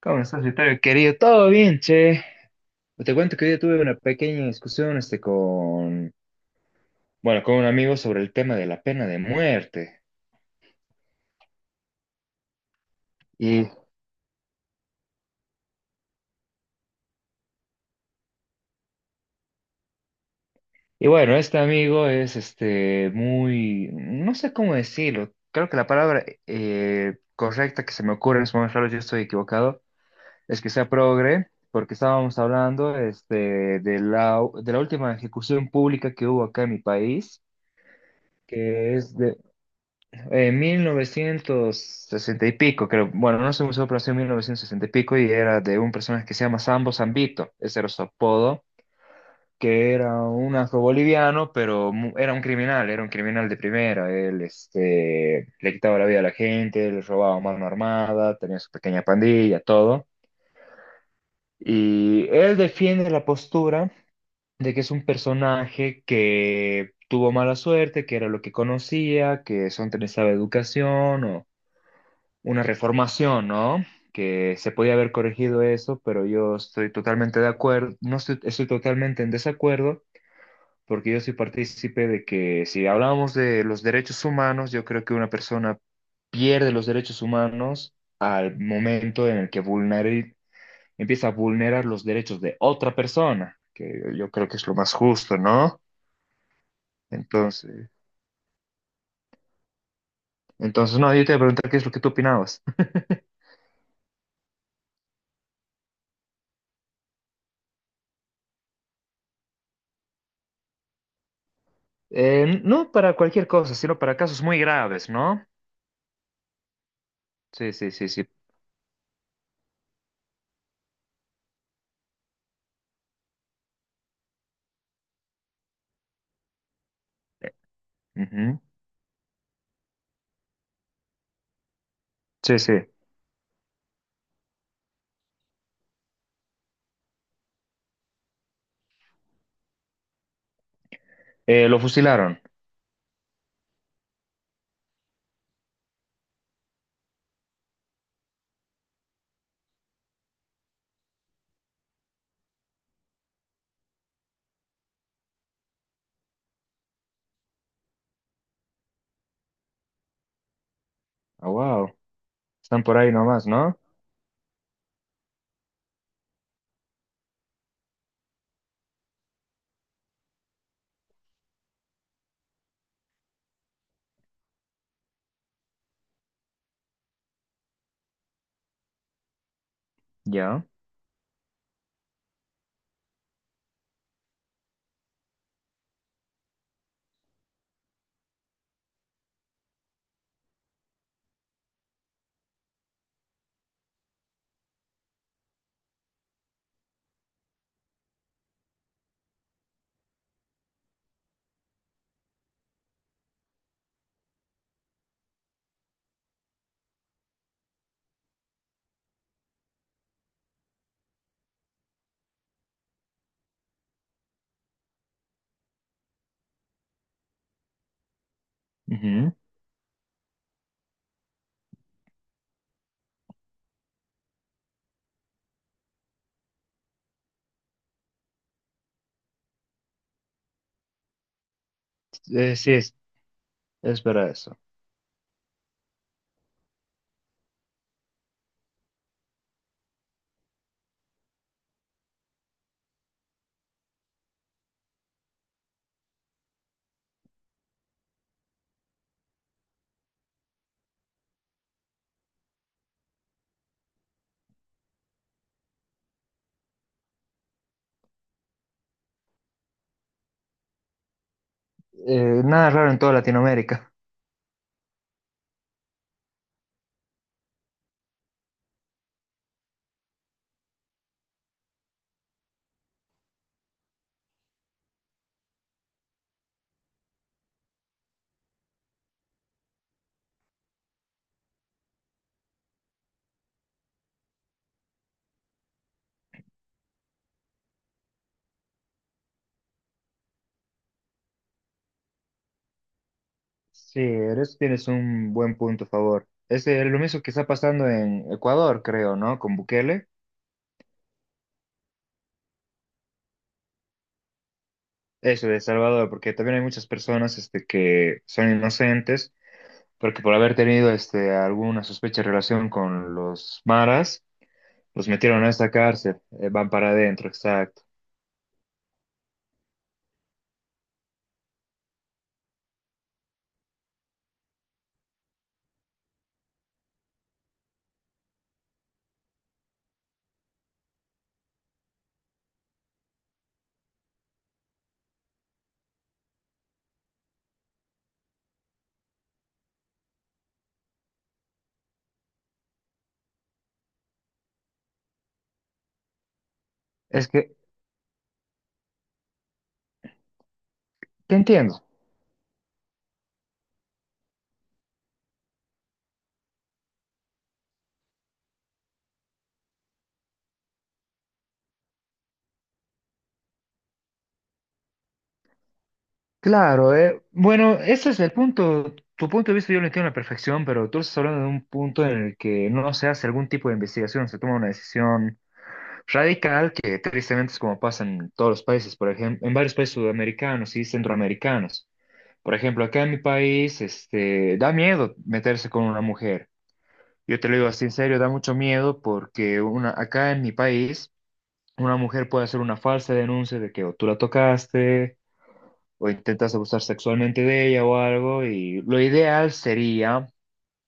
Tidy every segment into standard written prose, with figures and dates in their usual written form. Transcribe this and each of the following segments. ¿Cómo estás, Vittorio, querido? ¿Todo bien, che? Te cuento que hoy día tuve una pequeña discusión con, bueno, con un amigo sobre el tema de la pena de muerte. Y, y bueno, este amigo es muy, no sé cómo decirlo, creo que la palabra correcta que se me ocurre en este momento, claro, yo estoy equivocado, es que sea progre, porque estábamos hablando de la última ejecución pública que hubo acá en mi país, que es de en 1960 y pico, creo. Bueno, no soy muy seguro, pero sí en 1960 y pico, y era de un personaje que se llama Sambo Zambito. Ese era su apodo, que era un afroboliviano, pero era un criminal de primera. Él, le quitaba la vida a la gente, le robaba mano armada, tenía su pequeña pandilla, todo. Y él defiende la postura de que es un personaje que tuvo mala suerte, que era lo que conocía, que eso no estaba educación o una reformación, ¿no? Que se podía haber corregido eso, pero yo estoy totalmente de acuerdo, no estoy, estoy totalmente en desacuerdo, porque yo soy partícipe de que si hablamos de los derechos humanos, yo creo que una persona pierde los derechos humanos al momento en el que empieza a vulnerar los derechos de otra persona, que yo creo que es lo más justo, ¿no? Entonces, entonces, no, yo te voy a preguntar qué es lo que tú opinabas. No para cualquier cosa, sino para casos muy graves, ¿no? Sí, sí, sí, sí. Ujú. Sí, sí. Lo fusilaron. Ah, wow. Están por ahí nomás, ¿no? Ya. Ujú. Sí, es verdad eso. Nada raro en toda Latinoamérica. Sí, en eso tienes un buen punto a favor. Es, lo mismo que está pasando en Ecuador, creo, ¿no? Con Bukele. Eso, de El Salvador, porque también hay muchas personas que son inocentes, porque por haber tenido alguna sospecha en relación con los maras, los metieron a esta cárcel. Van para adentro, exacto. Es que te entiendo. Claro, bueno, ese es el punto. Tu punto de vista yo lo entiendo a la perfección, pero tú estás hablando de un punto en el que no se hace algún tipo de investigación, se toma una decisión radical, que tristemente es como pasa en todos los países, por ejemplo, en varios países sudamericanos y centroamericanos. Por ejemplo, acá en mi país, da miedo meterse con una mujer. Yo te lo digo así en serio, da mucho miedo porque una, acá en mi país, una mujer puede hacer una falsa denuncia de que o tú la tocaste o intentas abusar sexualmente de ella o algo, y lo ideal sería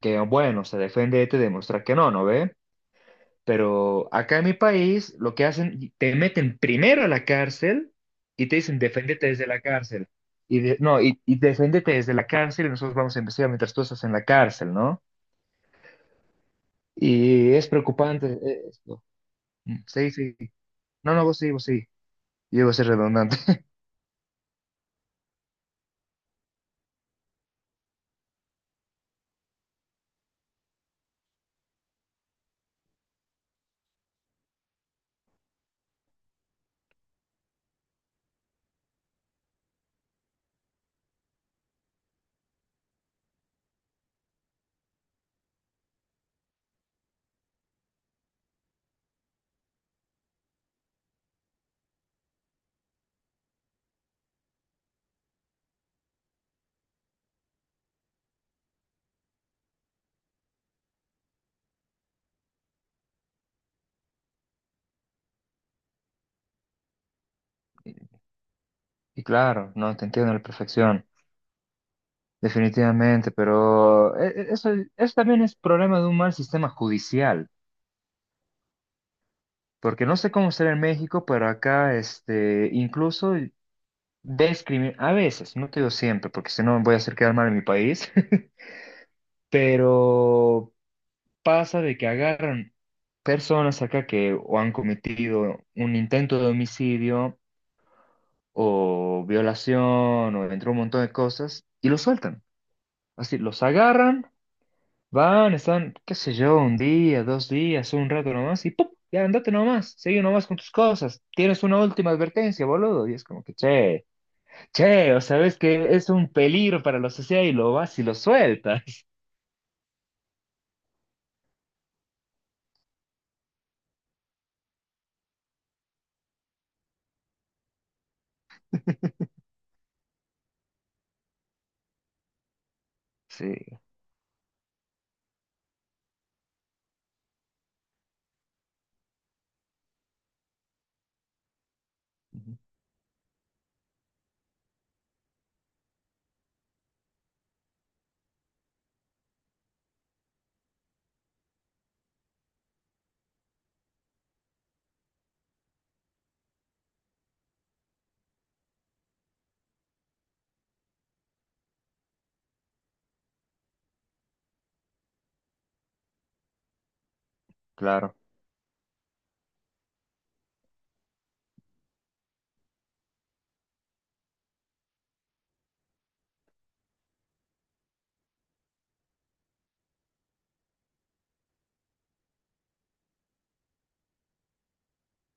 que, bueno, se defiende y te demuestra que no, ¿no ve? Pero acá en mi país lo que hacen, te meten primero a la cárcel y te dicen, defiéndete desde la cárcel. No, y defiéndete desde la cárcel y nosotros vamos a investigar mientras tú estás en la cárcel, ¿no? Y es preocupante esto. Mm, sí, sí. No, no, vos sí, vos sí. Yo iba a ser redundante. Y claro, no, te entiendo a la perfección. Definitivamente, pero eso, eso también es problema de un mal sistema judicial, porque no sé cómo será en México, pero acá incluso discriminan, a veces, no te digo siempre, porque si no voy a hacer quedar mal en mi país, pero pasa de que agarran personas acá que o han cometido un intento de homicidio o violación o entre un montón de cosas y los sueltan. Así, los agarran van, están, qué sé yo, 1 día, 2 días, un rato nomás y ¡pum! Ya andate nomás, sigue nomás con tus cosas. Tienes una última advertencia, boludo. Y es como que, che, che, o sabes que es un peligro para la sociedad y lo vas y lo sueltas. Sí, ujú, claro,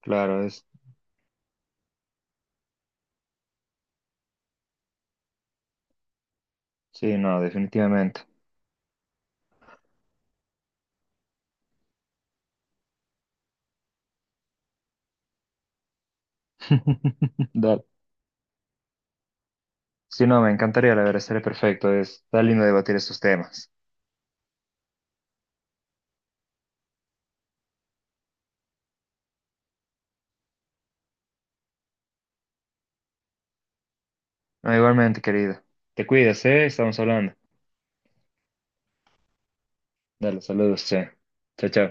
claro, es, sí, no, definitivamente. Dale. Sí, no, me encantaría, la verdad, sería perfecto. Es, está lindo debatir estos temas. No, igualmente, querido. Te cuidas, ¿eh? Estamos hablando. Dale, saludos, che. Chao, chao.